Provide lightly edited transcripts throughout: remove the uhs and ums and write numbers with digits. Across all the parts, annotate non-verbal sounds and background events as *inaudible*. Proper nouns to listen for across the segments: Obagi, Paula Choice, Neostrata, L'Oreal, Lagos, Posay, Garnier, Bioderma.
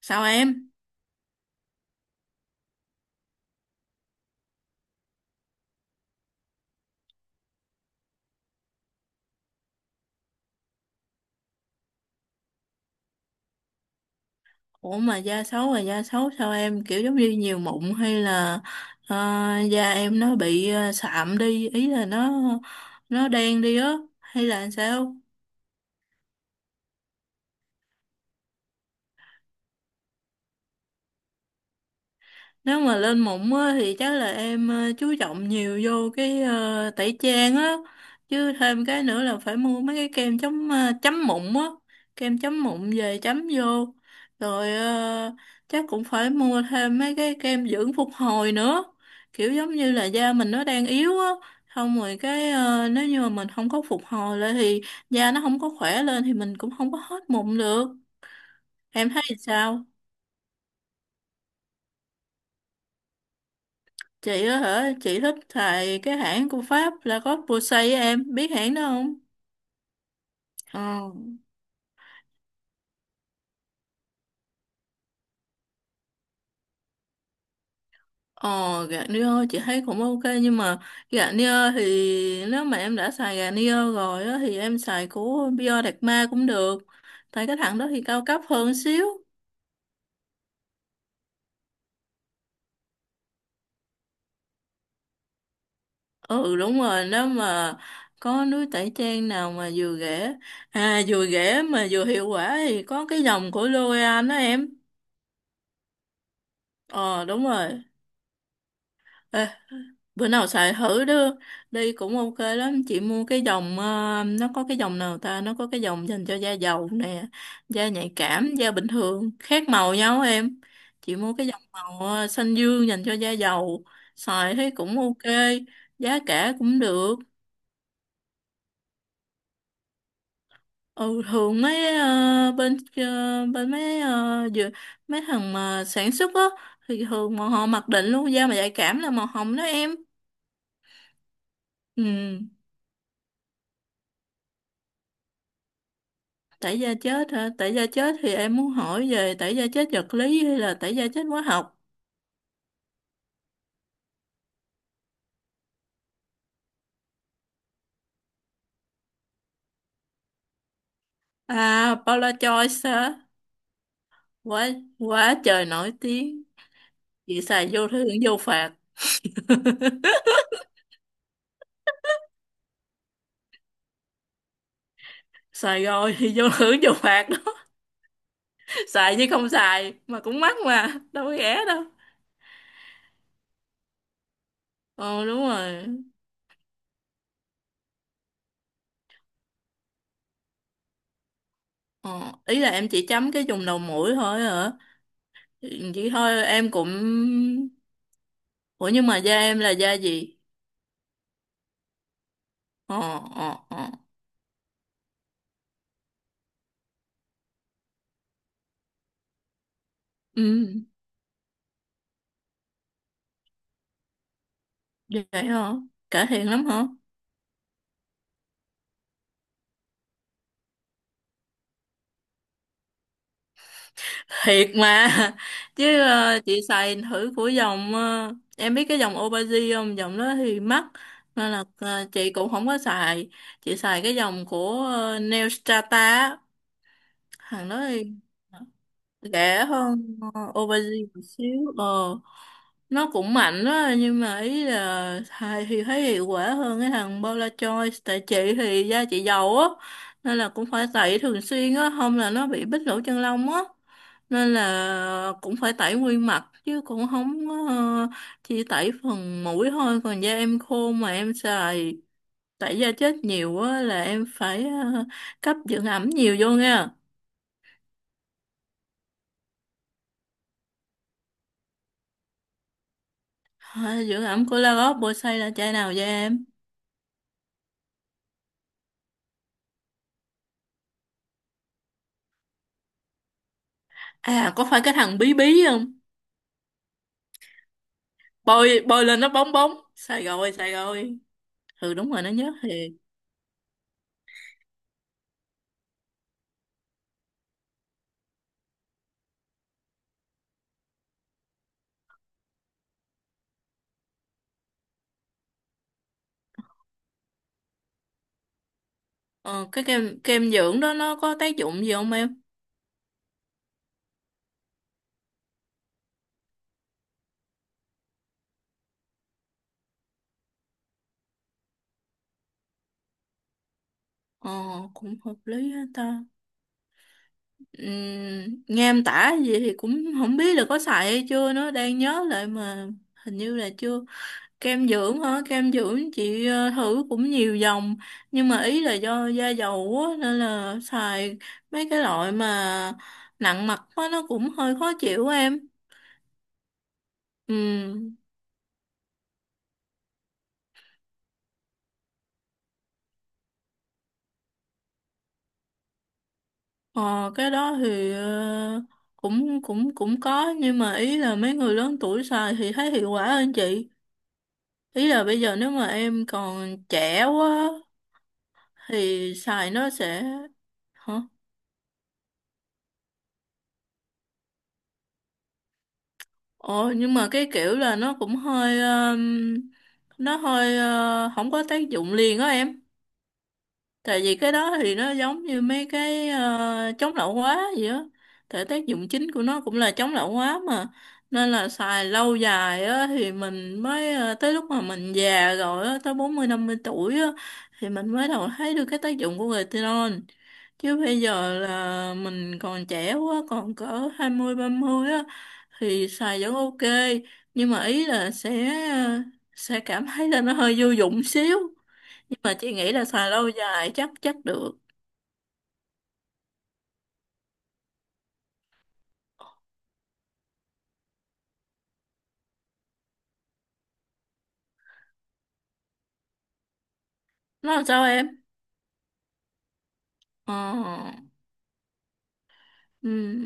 Sao em? Ủa mà da xấu là da xấu sao em, kiểu giống như nhiều mụn hay là ờ, da em nó bị sạm đi, ý là nó đen đi á, hay là sao? Nếu mà lên mụn á, thì chắc là em chú trọng nhiều vô cái tẩy trang á. Chứ thêm cái nữa là phải mua mấy cái kem chống chấm mụn á. Kem chấm mụn về chấm vô. Rồi chắc cũng phải mua thêm mấy cái kem dưỡng phục hồi nữa. Kiểu giống như là da mình nó đang yếu á. Xong rồi cái nếu như mà mình không có phục hồi lại thì da nó không có khỏe lên thì mình cũng không có hết mụn được. Em thấy sao? Chị á hả? Chị thích xài cái hãng của Pháp là có Posay á em. Biết hãng đó không? Ờ. Ờ, Garnier chị thấy cũng ok, nhưng mà Garnier thì nếu mà em đã xài Garnier rồi á thì em xài của Bioderma cũng được. Tại cái thằng đó thì cao cấp hơn xíu. Ừ đúng rồi, nếu mà có núi tẩy trang nào mà vừa rẻ, à vừa rẻ mà vừa hiệu quả thì có cái dòng của L'Oreal đó em. Ờ đúng rồi. Ê, bữa nào xài thử đó đi cũng ok lắm. Chị mua cái dòng nó có cái dòng nào ta, nó có cái dòng dành cho da dầu nè, da nhạy cảm, da bình thường khác màu nhau em. Chị mua cái dòng màu xanh dương dành cho da dầu, xài thấy cũng ok, giá cả cũng được. Ừ, thường mấy bên mấy mấy thằng mà sản xuất á thì thường mà họ mặc định luôn da mà nhạy cảm là màu hồng đó em. Ừ. Tẩy da chết hả? Tẩy da chết thì em muốn hỏi về tẩy da chết vật lý hay là tẩy da chết hóa học? À, Paula Joyce hả? Quá, quá trời nổi tiếng. Chị xài vô thứ hưởng vô phạt. Xài rồi thì vô *laughs* hưởng vô phạt đó. *laughs* Xài chứ không xài. Mà cũng mắc mà. Đâu có rẻ đâu. Ờ đúng rồi. Ờ, Ý là em chỉ chấm cái vùng đầu mũi thôi hả? Vậy thôi em cũng... Ủa nhưng mà da em là da gì? Ờ, ờ, ờ. Ừ, vậy hả? Cải thiện lắm hả? Thiệt mà. Chứ chị xài thử của dòng em biết cái dòng Obagi không? Dòng đó thì mắc, nên là chị cũng không có xài. Chị xài cái dòng của Neostrata á. Thằng đó thì rẻ hơn aubergine một xíu. Ờ nó cũng mạnh đó, nhưng mà ý là thầy thì thấy hiệu quả hơn cái thằng Paula Choice. Tại chị thì da chị dầu á, nên là cũng phải tẩy thường xuyên á, không là nó bị bít lỗ chân lông á, nên là cũng phải tẩy nguyên mặt chứ cũng không có, chỉ tẩy phần mũi thôi. Còn da em khô mà em xài tẩy da chết nhiều á là em phải cấp dưỡng ẩm nhiều vô nha. Thôi, dưỡng ẩm của Lagos bôi xay là chai nào vậy em? À, có phải cái thằng bí bí không? Bôi bôi lên nó bóng bóng. Xài rồi, xài rồi. Ừ, đúng rồi, nó nhớ thiệt. Ờ, cái kem kem dưỡng đó nó có tác dụng gì không em? Ờ, cũng hợp lý hết ta. Nghe em tả gì thì cũng không biết là có xài hay chưa nữa. Đang nhớ lại mà hình như là chưa. Kem dưỡng hả? Kem dưỡng chị thử cũng nhiều dòng, nhưng mà ý là do da dầu á nên là xài mấy cái loại mà nặng mặt quá nó cũng hơi khó chịu em. Ừ. ờ, cái đó thì cũng cũng cũng có, nhưng mà ý là mấy người lớn tuổi xài thì thấy hiệu quả hơn chị. Ý là bây giờ nếu mà em còn trẻ quá thì xài nó sẽ... Hả? Ồ, nhưng mà cái kiểu là nó cũng hơi nó hơi không có tác dụng liền á em. Tại vì cái đó thì nó giống như mấy cái chống lão hóa gì á, tại tác dụng chính của nó cũng là chống lão hóa mà. Nên là xài lâu dài á thì mình mới tới lúc mà mình già rồi á, tới 40-50 tuổi á thì mình mới đầu thấy được cái tác dụng của retinol. Chứ bây giờ là mình còn trẻ quá, còn cỡ 20-30 á thì xài vẫn ok, nhưng mà ý là sẽ sẽ cảm thấy là nó hơi vô dụng xíu. Nhưng mà chị nghĩ là xài lâu dài chắc chắc được. Nó làm sao em? Ờ. Ừ.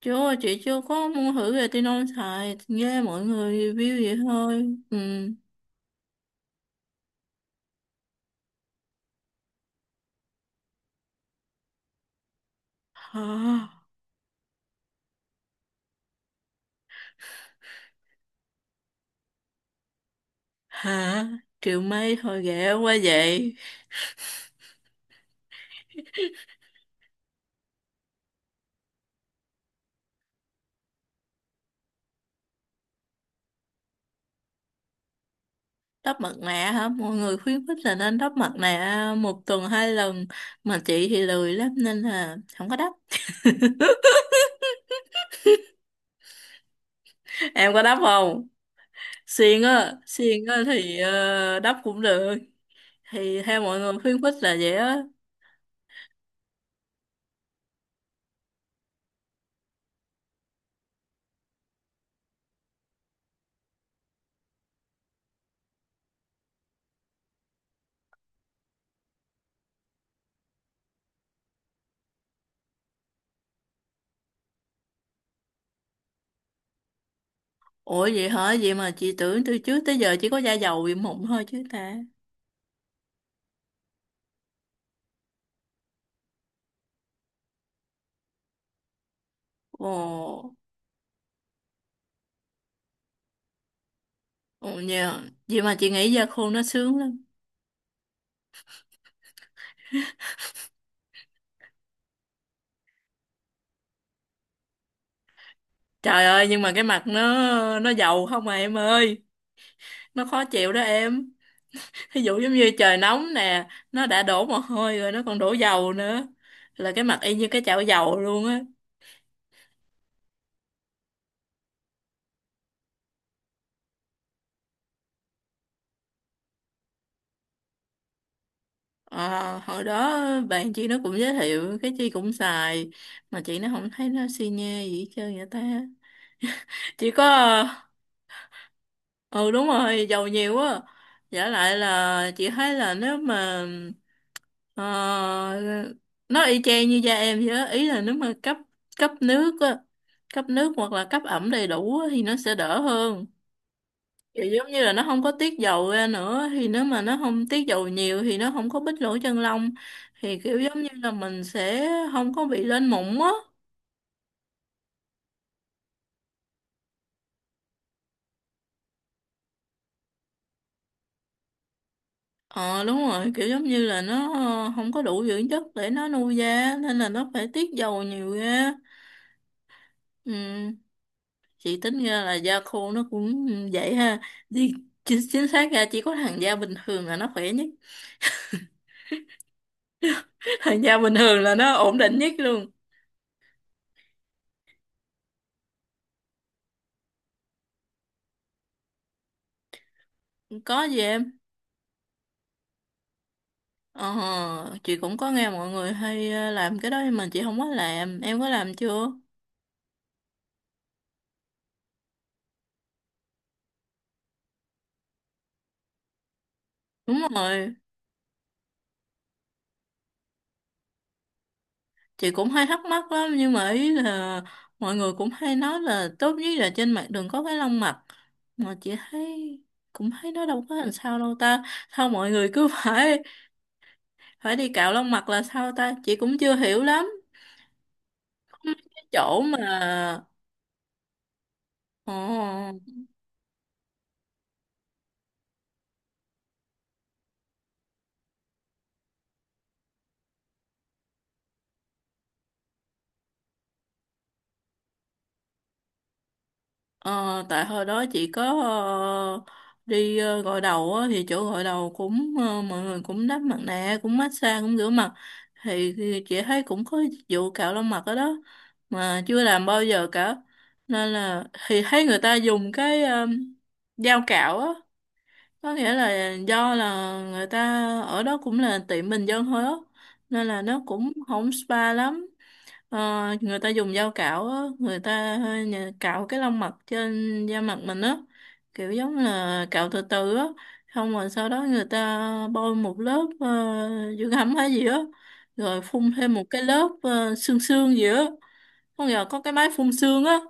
Chưa, chị chưa có mua thử retinol, xài nghe mọi người review vậy thôi. Ừ. Hả? Hả? Triệu mây thôi ghẻ quá vậy. Đắp mặt nạ hả? Mọi người khuyến khích là nên đắp mặt nạ 1 tuần 2 lần, mà chị thì lười lắm nên là không có đắp. *laughs* Em có đắp không? Xiên á, xiên á thì đắp cũng được. Thì theo mọi người khuyến khích là vậy á. Ủa vậy hả? Vậy mà chị tưởng từ trước tới giờ chỉ có da dầu bị mụn thôi chứ ta. Ồ. Ồ nhờ, vậy mà chị nghĩ da khô nó sướng lắm. Trời ơi, nhưng mà cái mặt nó dầu không à em ơi, nó khó chịu đó em. Ví dụ giống như trời nóng nè, nó đã đổ mồ hôi rồi nó còn đổ dầu nữa, là cái mặt y như cái chảo dầu luôn á. Ờ, hồi đó bạn chị nó cũng giới thiệu cái chị cũng xài, mà chị nó không thấy nó xi nhê gì hết trơn vậy ta. Chỉ có ờ, ừ đúng rồi, dầu nhiều quá. Giả lại là chị thấy là nếu mà ờ, nó y chang như da em vậy đó. Ý là nếu mà cấp cấp nước á, cấp nước hoặc là cấp ẩm đầy đủ á, thì nó sẽ đỡ hơn. Kiểu giống như là nó không có tiết dầu ra nữa, thì nếu mà nó không tiết dầu nhiều thì nó không có bít lỗ chân lông, thì kiểu giống như là mình sẽ không có bị lên mụn á. Ờ đúng rồi, kiểu giống như là nó không có đủ dưỡng chất để nó nuôi da nên là nó phải tiết dầu nhiều ra. Ừ. Chị tính ra là da khô nó cũng vậy ha. Thì chính xác ra chỉ có thằng da bình thường là nó khỏe nhất. *laughs* Thằng da bình thường là nó ổn định nhất luôn. Có gì em? Ờ, chị cũng có nghe mọi người hay làm cái đó nhưng mà chị không có làm. Em có làm chưa? Đúng rồi, chị cũng hay thắc mắc lắm nhưng mà ý là mọi người cũng hay nói là tốt nhất là trên mặt đừng có cái lông mặt. Mà chị thấy cũng thấy nó đâu có làm sao đâu ta. Sao mọi người cứ *laughs* phải phải đi cạo lông mặt là sao ta? Chị cũng chưa hiểu lắm. Có mấy cái chỗ mà... ờ Ờ, tại hồi đó chị có ờ, đi gội đầu á, thì chỗ gội đầu cũng mọi người cũng đắp mặt nạ, cũng massage, cũng rửa mặt. Thì chị thấy cũng có dịch vụ cạo lông mặt ở đó, mà chưa làm bao giờ cả, nên là thì thấy người ta dùng cái dao cạo á. Có nghĩa là do là người ta ở đó cũng là tiệm bình dân thôi á, nên là nó cũng không spa lắm. Ờ, người ta dùng dao cạo á, người ta cạo cái lông mặt trên da mặt mình á, kiểu giống là cạo từ từ á, xong rồi sau đó người ta bôi một lớp dưỡng ẩm hay gì á, rồi phun thêm một cái lớp xương xương gì á, không giờ có cái máy phun xương á,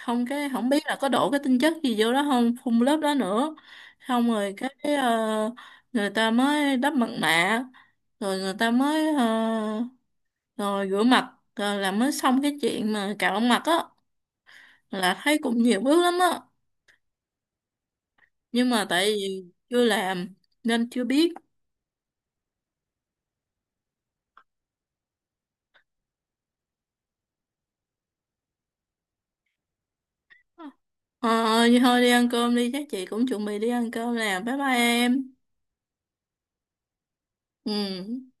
không cái không biết là có đổ cái tinh chất gì vô đó không, phun lớp đó nữa, xong rồi cái người ta mới đắp mặt nạ, rồi người ta mới rồi rửa mặt là mới xong cái chuyện mà cạo mặt á, là thấy cũng nhiều bước lắm á. Nhưng mà tại vì chưa làm nên chưa biết. Ờ, vậy thôi đi ăn cơm đi, chắc chị cũng chuẩn bị đi ăn cơm nè. Bye bye em. Ừ.